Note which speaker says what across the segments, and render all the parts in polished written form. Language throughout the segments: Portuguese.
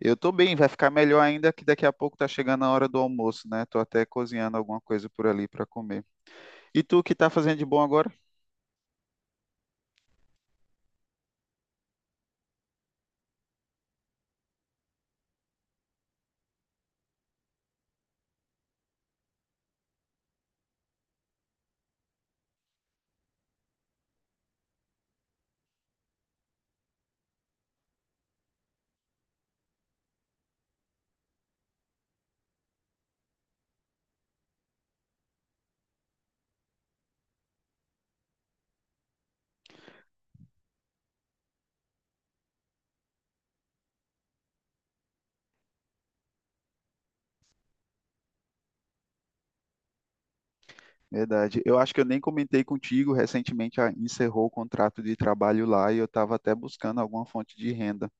Speaker 1: Eu tô bem, vai ficar melhor ainda que daqui a pouco tá chegando a hora do almoço, né? Tô até cozinhando alguma coisa por ali para comer. E tu, o que tá fazendo de bom agora? Verdade. Eu acho que eu nem comentei contigo, recentemente A encerrou o contrato de trabalho lá e eu estava até buscando alguma fonte de renda.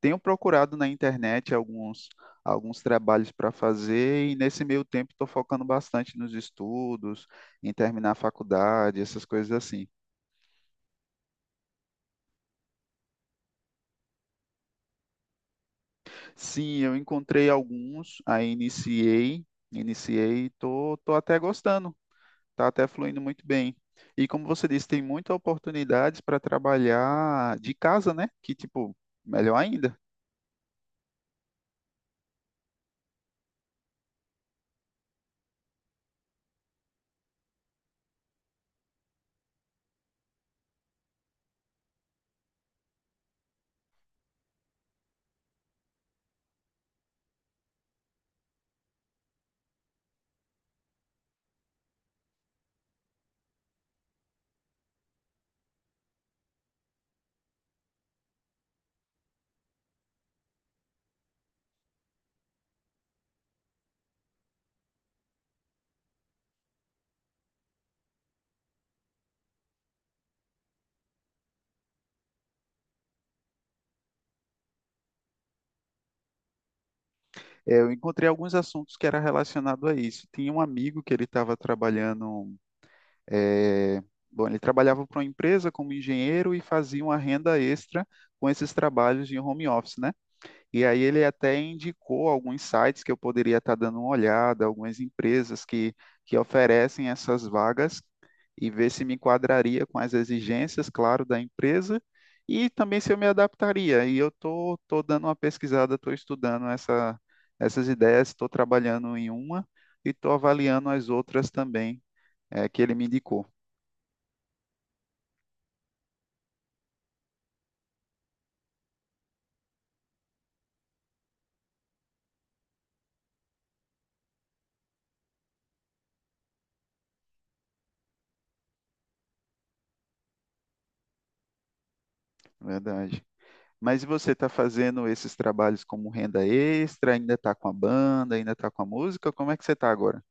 Speaker 1: Tenho procurado na internet alguns trabalhos para fazer e nesse meio tempo estou focando bastante nos estudos, em terminar a faculdade, essas coisas assim. Sim, eu encontrei alguns, aí iniciei, tô até gostando, tá até fluindo muito bem. E como você disse, tem muitas oportunidades para trabalhar de casa, né? Que tipo, melhor ainda. É, eu encontrei alguns assuntos que era relacionado a isso. Tinha um amigo que ele estava trabalhando, é, bom, ele trabalhava para uma empresa como engenheiro e fazia uma renda extra com esses trabalhos de home office, né? E aí ele até indicou alguns sites que eu poderia estar dando uma olhada, algumas empresas que oferecem essas vagas e ver se me enquadraria com as exigências, claro, da empresa e também se eu me adaptaria. E eu tô dando uma pesquisada, estou estudando essas ideias, estou trabalhando em uma e estou avaliando as outras também, que ele me indicou, verdade. Mas e você está fazendo esses trabalhos como renda extra? Ainda está com a banda? Ainda está com a música? Como é que você está agora?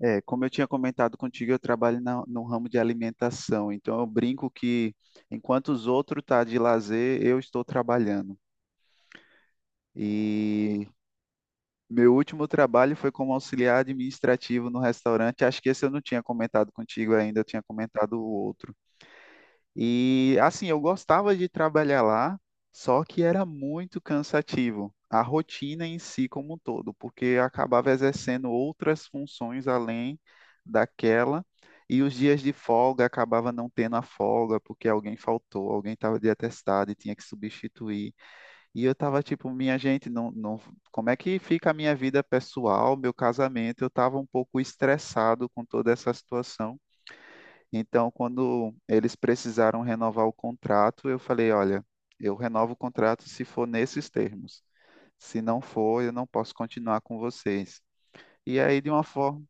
Speaker 1: É, como eu tinha comentado contigo, eu trabalho no ramo de alimentação. Então eu brinco que enquanto os outros estão tá de lazer, eu estou trabalhando. E meu último trabalho foi como auxiliar administrativo no restaurante. Acho que esse eu não tinha comentado contigo ainda, eu tinha comentado o outro. E assim, eu gostava de trabalhar lá, só que era muito cansativo. A rotina em si como um todo, porque eu acabava exercendo outras funções além daquela, e os dias de folga acabava não tendo a folga, porque alguém faltou, alguém estava de atestado e tinha que substituir. E eu estava tipo, minha gente, não, não, como é que fica a minha vida pessoal, meu casamento? Eu estava um pouco estressado com toda essa situação. Então, quando eles precisaram renovar o contrato, eu falei: olha, eu renovo o contrato se for nesses termos. Se não for, eu não posso continuar com vocês. E aí,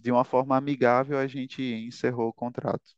Speaker 1: de uma forma amigável, a gente encerrou o contrato.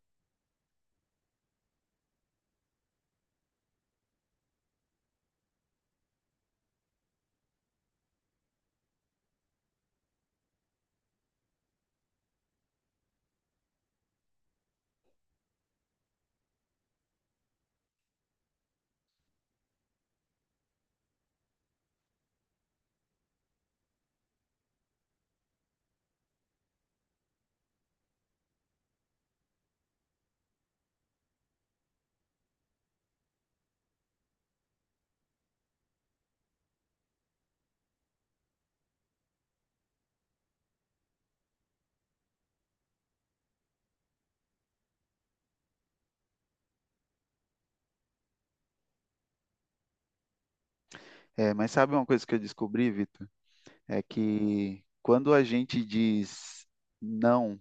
Speaker 1: É, mas sabe uma coisa que eu descobri, Vitor? É que quando a gente diz não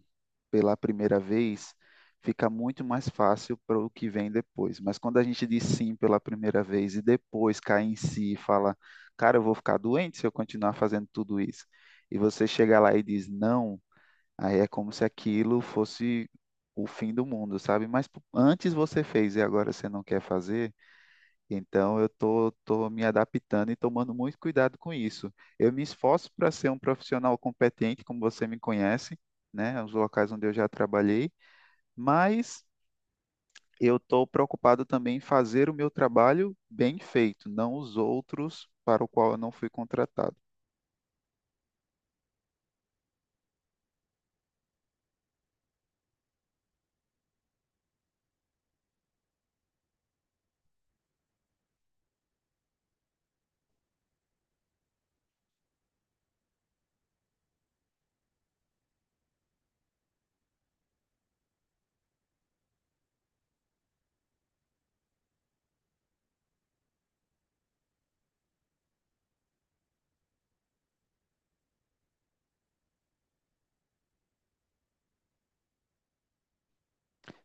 Speaker 1: pela primeira vez, fica muito mais fácil para o que vem depois. Mas quando a gente diz sim pela primeira vez e depois cai em si e fala, cara, eu vou ficar doente se eu continuar fazendo tudo isso, e você chega lá e diz não, aí é como se aquilo fosse o fim do mundo, sabe? Mas antes você fez e agora você não quer fazer. Então, eu tô me adaptando e tomando muito cuidado com isso. Eu me esforço para ser um profissional competente, como você me conhece, né? Os locais onde eu já trabalhei, mas eu estou preocupado também em fazer o meu trabalho bem feito, não os outros para o qual eu não fui contratado.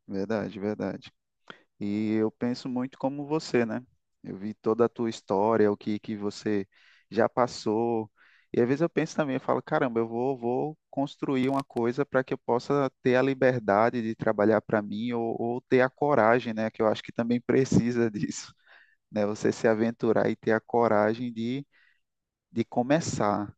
Speaker 1: Verdade, verdade. E eu penso muito como você, né? Eu vi toda a tua história, o que que você já passou. E às vezes eu penso também, eu falo, caramba, eu vou construir uma coisa para que eu possa ter a liberdade de trabalhar para mim ou ter a coragem, né? Que eu acho que também precisa disso, né? Você se aventurar e ter a coragem de começar.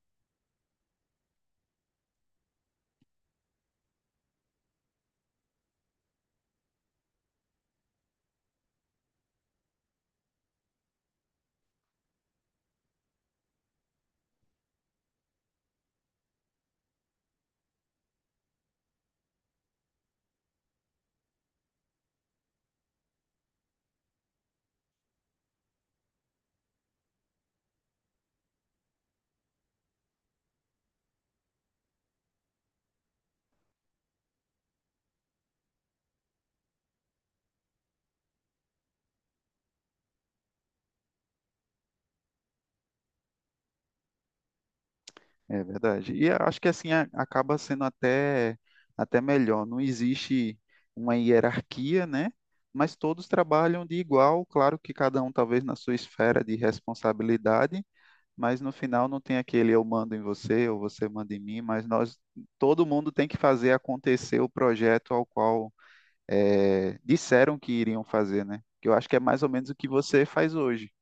Speaker 1: É verdade. E eu acho que assim acaba sendo até melhor. Não existe uma hierarquia, né? Mas todos trabalham de igual, claro que cada um talvez na sua esfera de responsabilidade, mas no final não tem aquele eu mando em você ou você manda em mim, mas nós, todo mundo tem que fazer acontecer o projeto ao qual disseram que iriam fazer, né? Que eu acho que é mais ou menos o que você faz hoje.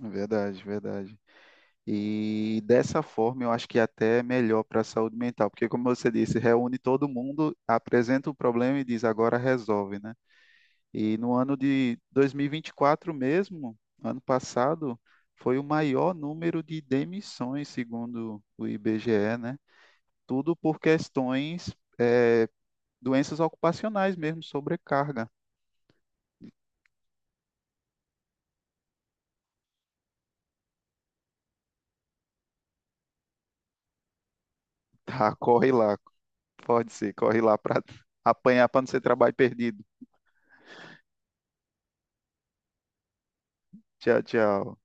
Speaker 1: Verdade, verdade. E dessa forma, eu acho que até é melhor para a saúde mental, porque, como você disse, reúne todo mundo, apresenta o problema e diz agora resolve, né? E no ano de 2024 mesmo, ano passado, foi o maior número de demissões, segundo o IBGE, né? Tudo por questões, eh, doenças ocupacionais mesmo, sobrecarga. Tá, corre lá, pode ser, corre lá para apanhar para não ser trabalho perdido. Tchau, tchau.